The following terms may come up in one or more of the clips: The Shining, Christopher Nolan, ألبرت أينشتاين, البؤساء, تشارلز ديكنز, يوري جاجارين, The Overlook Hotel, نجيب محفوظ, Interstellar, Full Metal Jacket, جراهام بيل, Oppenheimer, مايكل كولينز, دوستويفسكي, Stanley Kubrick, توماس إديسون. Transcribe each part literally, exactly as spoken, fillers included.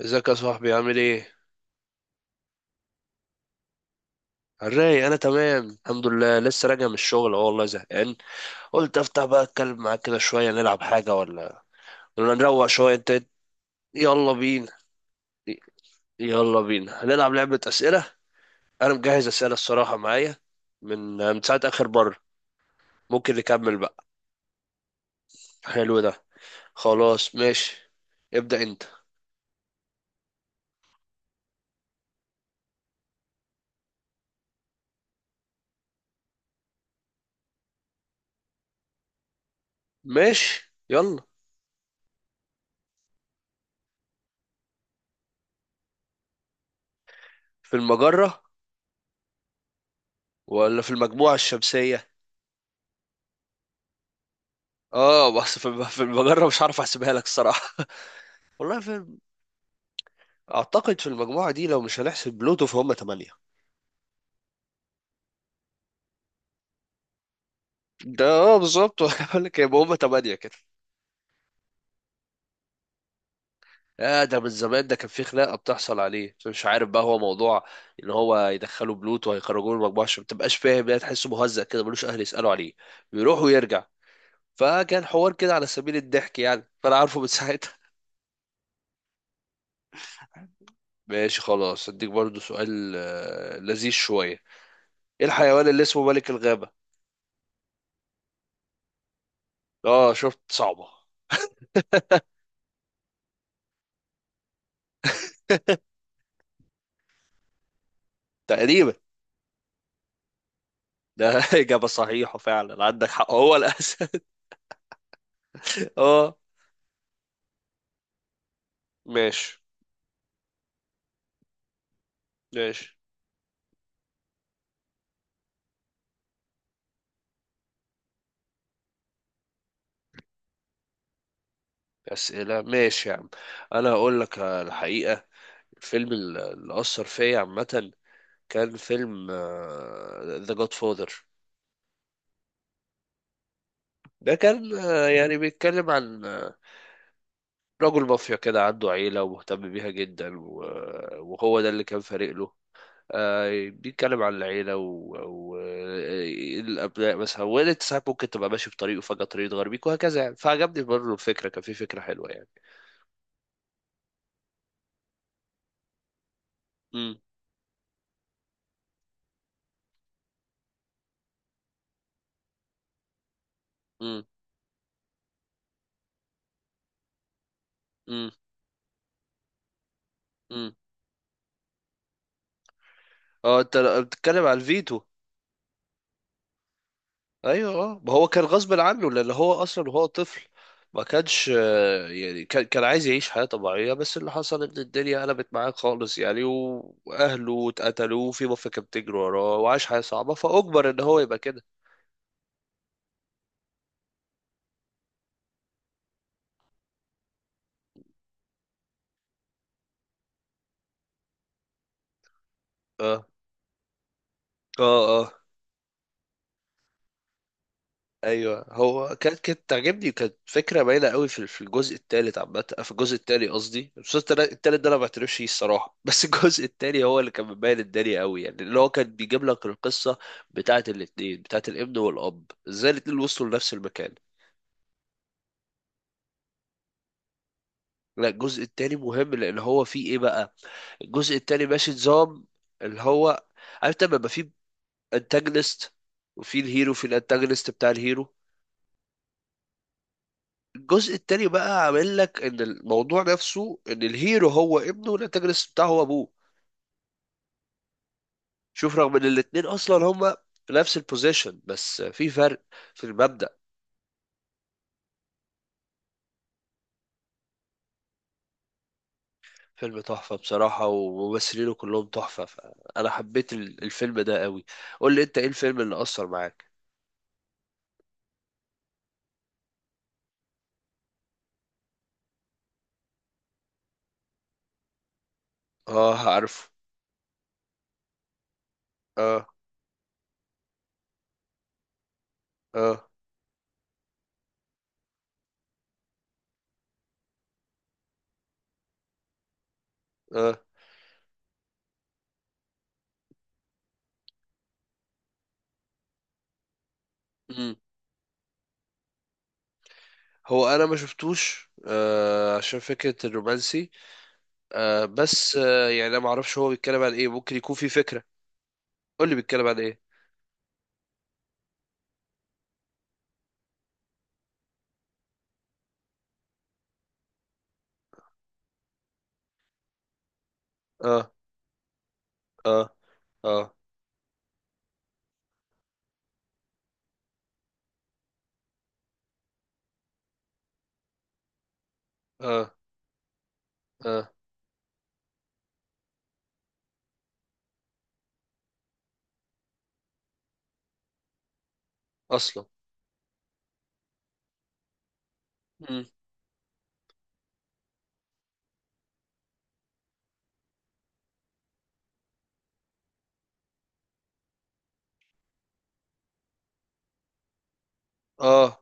ازيك يا صاحبي؟ عامل ايه؟ الراي انا تمام الحمد لله، لسه راجع من الشغل. اه والله زهقان، قلت افتح بقى اتكلم معاك كده شويه، نلعب حاجه ولا ولا نروق شويه انت. يلا بينا، يلا بينا هنلعب لعبه اسئله. انا مجهز اسئله الصراحه معايا من من ساعه اخر بره. ممكن نكمل بقى؟ حلو ده. خلاص ماشي. ابدا انت. ماشي يلا. في المجره ولا في المجموعه الشمسيه؟ اه بس في الم- في المجره مش عارف احسبها لك الصراحه. والله في، اعتقد في المجموعه دي لو مش هنحسب بلوتو فهم ثمانيه. ده اه بالظبط. بقول لك يبقى هم ثمانيه كده. آه ده من زمان، ده كان في خناقه بتحصل عليه، مش عارف بقى هو موضوع ان هو يدخلوا بلوتو هيخرجوه من المجموعه عشان ما تبقاش، فاهم يعني، تحسه مهزأ كده ملوش اهل يسالوا عليه، بيروح ويرجع. فكان حوار كده على سبيل الضحك يعني، فانا عارفه من ساعتها. ماشي خلاص اديك برضو سؤال، آه، لذيذ شويه. ايه الحيوان اللي اسمه ملك الغابه؟ اه شفت؟ صعبه. تقريبا. ده إجابة صحيحة فعلا، عندك حق هو الأسد. اه. ماشي ماشي. أسئلة، ماشي يا عم. أنا هقول لك الحقيقة، الفيلم اللي أثر فيا عامة كان فيلم ذا جاد فاذر. ده كان، آه، يعني بيتكلم عن، آه، رجل مافيا كده عنده عيلة ومهتم بيها جدا، و- وهو ده اللي كان فارق له. آه، بيتكلم عن العيلة والأبناء مثلا، وانت ساعات ممكن تبقى ماشي بطريقه، فجأة طريق تغير بيك وهكذا يعني، فعجبني برضه الفكرة، كان في فكرة حلوة يعني. مم، مم، مم، مم. اه انت بتتكلم على الفيتو. ايوه اه، ما هو كان غصب عنه لان هو اصلا وهو طفل ما كانش، آه، يعني كان كان عايز يعيش حياة طبيعية، بس اللي حصل ان الدنيا قلبت معاه خالص يعني، و- واهله اتقتلوا وفي مافيا كانت بتجري وراه وعاش حياة صعبة، فاجبر ان هو يبقى كده. اه اه اه. ايوه هو كانت كانت تعجبني، كانت فكره باينه قوي في في الجزء الثالث عامه، آه، في الجزء الثاني قصدي، الجزء الثالث ده انا ما بعترفش فيه الصراحه، بس الجزء الثاني هو اللي كان مبين الدنيا قوي يعني، اللي هو كان بيجيب لك القصه بتاعه الاثنين، بتاعه الابن والاب، ازاي الاثنين وصلوا لنفس المكان. لا الجزء الثاني مهم لان هو فيه ايه بقى، الجزء الثاني ماشي نظام اللي هو، عارف لما يبقى فيه انتاجونست وفي الهيرو، في الانتاجونست بتاع الهيرو. الجزء التاني بقى عامل لك ان الموضوع نفسه ان الهيرو هو ابنه، والانتاجونست بتاعه هو ابوه. شوف، رغم ان الاتنين اصلا هما في نفس البوزيشن بس في فرق في المبدأ. فيلم تحفة بصراحة، وممثلينه كلهم تحفة، فأنا حبيت ال- الفيلم ده قوي. قول لي أنت، إيه الفيلم اللي أثر معاك؟ آه عارفه. آه. آه. آه. مم. هو أنا ما شفتوش، آه، عشان فكرة الرومانسي. آه بس آه يعني أنا ما أعرفش هو بيتكلم عن إيه، ممكن يكون في فكرة. قول لي بيتكلم عن إيه. اه. اه. اه. اه. اه. اصلا. مم. اه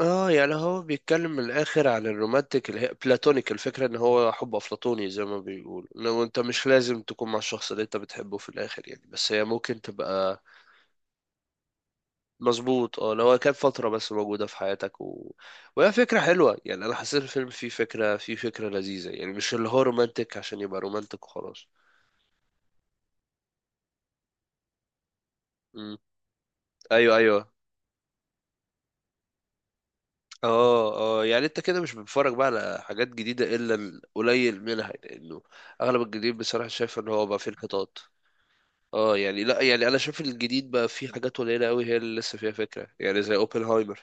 اه، يعني هو بيتكلم من الاخر عن الرومانتيك اللي هي بلاتونيك، الفكره ان هو حب افلاطوني، زي ما بيقول لو انت مش لازم تكون مع الشخص اللي انت بتحبه في الاخر يعني، بس هي ممكن تبقى. مظبوط اه، لو هي كانت فتره بس موجوده في حياتك و... وهي فكره حلوه يعني، انا حسيت الفيلم فيه فكره، فيه فكره لذيذه يعني، مش اللي هو رومانتيك عشان يبقى رومانتيك وخلاص. مم. ايوه ايوه. اه اه، يعني انت كده مش بتتفرج بقى على حاجات جديدة الا القليل منها، لانه اغلب الجديد بصراحة شايف ان هو بقى فيه انحطاط. اه يعني لا يعني، انا شايف الجديد بقى فيه حاجات قليلة قوي هي اللي لسه فيها فكرة يعني، زي اوبنهايمر.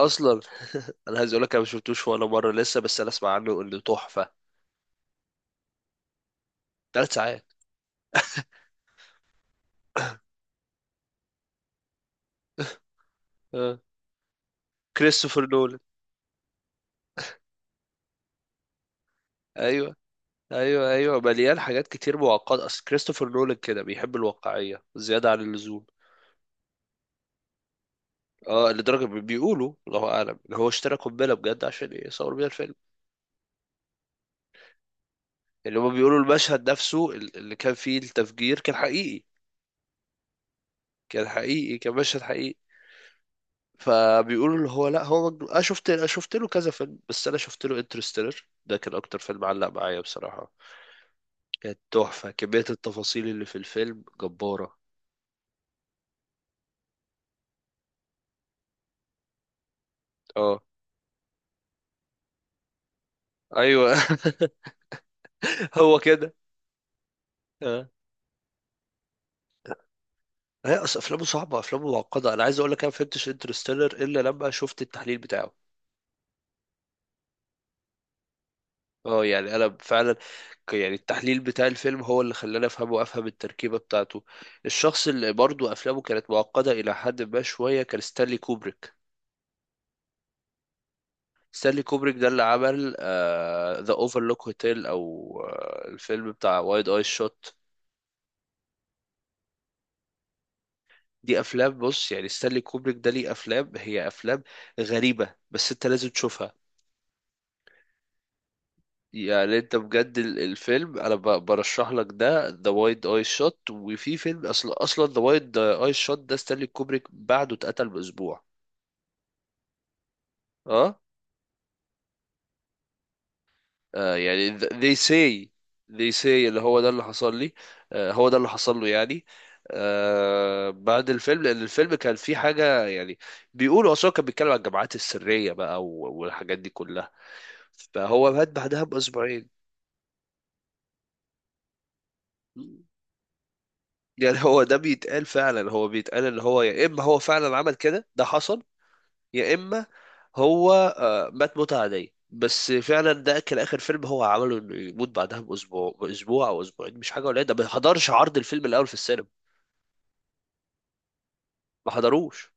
اصلا انا عايز اقول لك انا ما شفتوش ولا مرة لسه، بس انا اسمع عنه انه تحفة. ثلاث ساعات. اه. كريستوفر نولان. ايوه. ايوه ايوه مليان حاجات كتير معقدة، اصل كريستوفر نولان كده بيحب الواقعية زيادة عن اللزوم. اه لدرجة بي- بيقولوا الله أعلم إن هو اشترى قنبلة بجد، عشان إيه؟ يصور بيها الفيلم. يعني هما بيقولوا المشهد نفسه ال- اللي كان فيه التفجير كان حقيقي، كان حقيقي كان مشهد حقيقي. فبيقولوا اللي هو لا هو مجنون. أنا شفت، أنا شفت له كذا فيلم، بس أنا شفت له انترستيلر ده كان أكتر فيلم علق معايا بصراحة. كانت تحفة، كمية التفاصيل اللي في الفيلم جبارة. اه. أيوه. هو كده. اه. هي أصل أفلامه صعبة، أفلامه معقدة، أنا عايز أقول لك أنا ما فهمتش انترستيلر إلا لما شفت التحليل بتاعه. اه يعني انا فعلا، ك- يعني التحليل بتاع الفيلم هو اللي خلاني افهمه وافهم التركيبه بتاعته. الشخص اللي برضه افلامه كانت معقده الى حد ما شويه كان ستانلي كوبريك. ستانلي كوبريك ده اللي عمل ذا اوفرلوك هوتيل، او آه الفيلم بتاع وايد اي شوت. دي افلام، بص يعني ستانلي كوبريك ده ليه افلام، هي افلام غريبه بس انت لازم تشوفها. يعني انت بجد ال- الفيلم انا ب- برشح لك ده ذا وايد اي شوت، وفي فيلم اصلا اصلا ذا وايد اي شوت ده ستانلي كوبريك بعده اتقتل باسبوع. اه. آه يعني th- they say, they say اللي هو ده اللي حصل لي، آه هو ده اللي حصل له يعني، آه بعد الفيلم لان الفيلم كان فيه حاجه يعني. بيقولوا اصلا كان بيتكلم عن الجماعات السريه بقى و- والحاجات دي كلها، فهو مات بعدها باسبوعين. يعني هو ده بيتقال فعلا، هو بيتقال اللي هو يا اما هو فعلا عمل كده ده حصل، يا اما هو، آه، مات موتة عادية. بس فعلا ده كان اخر فيلم هو عمله، انه يموت بعدها باسبوع، باسبوع او اسبوعين مش حاجه قليله، ده ما حضرش عرض الفيلم الاول في السينما، ما حضروش.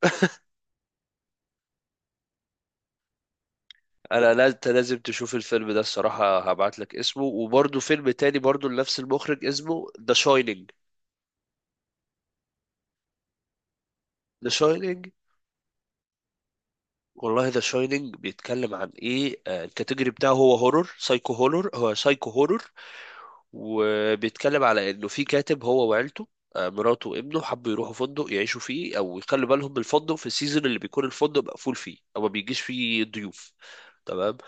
انا لا، انت لازم تشوف الفيلم ده الصراحه، هبعت لك اسمه، وبرده فيلم تاني برده لنفس المخرج اسمه ذا شاينينج. ذا شاينينج، والله ذا شاينينج بيتكلم عن ايه، آه، الكاتيجوري بتاعه هو هورور، سايكو هورور، هو سايكو هورور. وبيتكلم على انه في كاتب هو وعيلته، آه، مراته وابنه، حبوا يروحوا فندق يعيشوا فيه او يخلوا بالهم من الفندق في السيزون اللي بيكون الفندق مقفول فيه او ما بيجيش فيه ضيوف. تمام.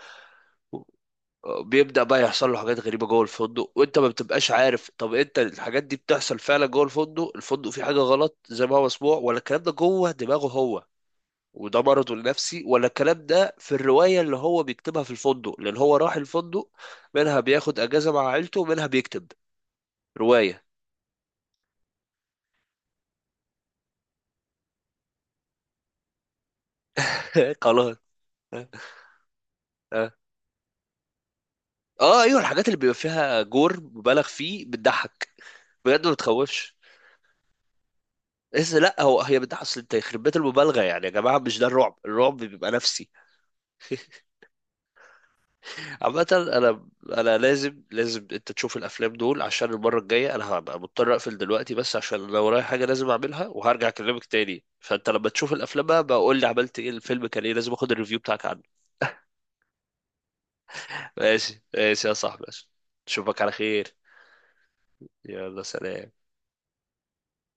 آه، بيبدأ بقى يحصل له حاجات غريبة جوه الفندق، وانت ما بتبقاش عارف طب انت الحاجات دي بتحصل فعلا جوه الفندق، الفندق فيه حاجة غلط زي ما هو مسموع، ولا الكلام ده جوه دماغه هو وده مرضه النفسي، ولا الكلام ده في الرواية اللي هو بيكتبها في الفندق، لأن هو راح الفندق منها بياخد أجازة مع عيلته، ومنها بيكتب رواية. خلاص. اه. اه. آه، ايوه الحاجات اللي بيبقى فيها جور مبالغ فيه بتضحك بجد، ما بتخوفش. بس لا هو هي بتضحك، اصل انت يخرب بيت المبالغه يعني، يا جماعه مش ده الرعب، الرعب بيبقى نفسي. عامه انا، انا لازم، لازم انت تشوف الافلام دول، عشان المره الجايه. انا هبقى مضطر اقفل دلوقتي بس عشان انا ورايا حاجه لازم اعملها، وهرجع اكلمك تاني. فانت لما تشوف الافلام بقى بقول لي عملت ايه، الفيلم كان ايه، لازم اخد الريفيو بتاعك عنه. ماشي ماشي يا صاحبي، ماشي. اشوفك على خير. يلا سلام.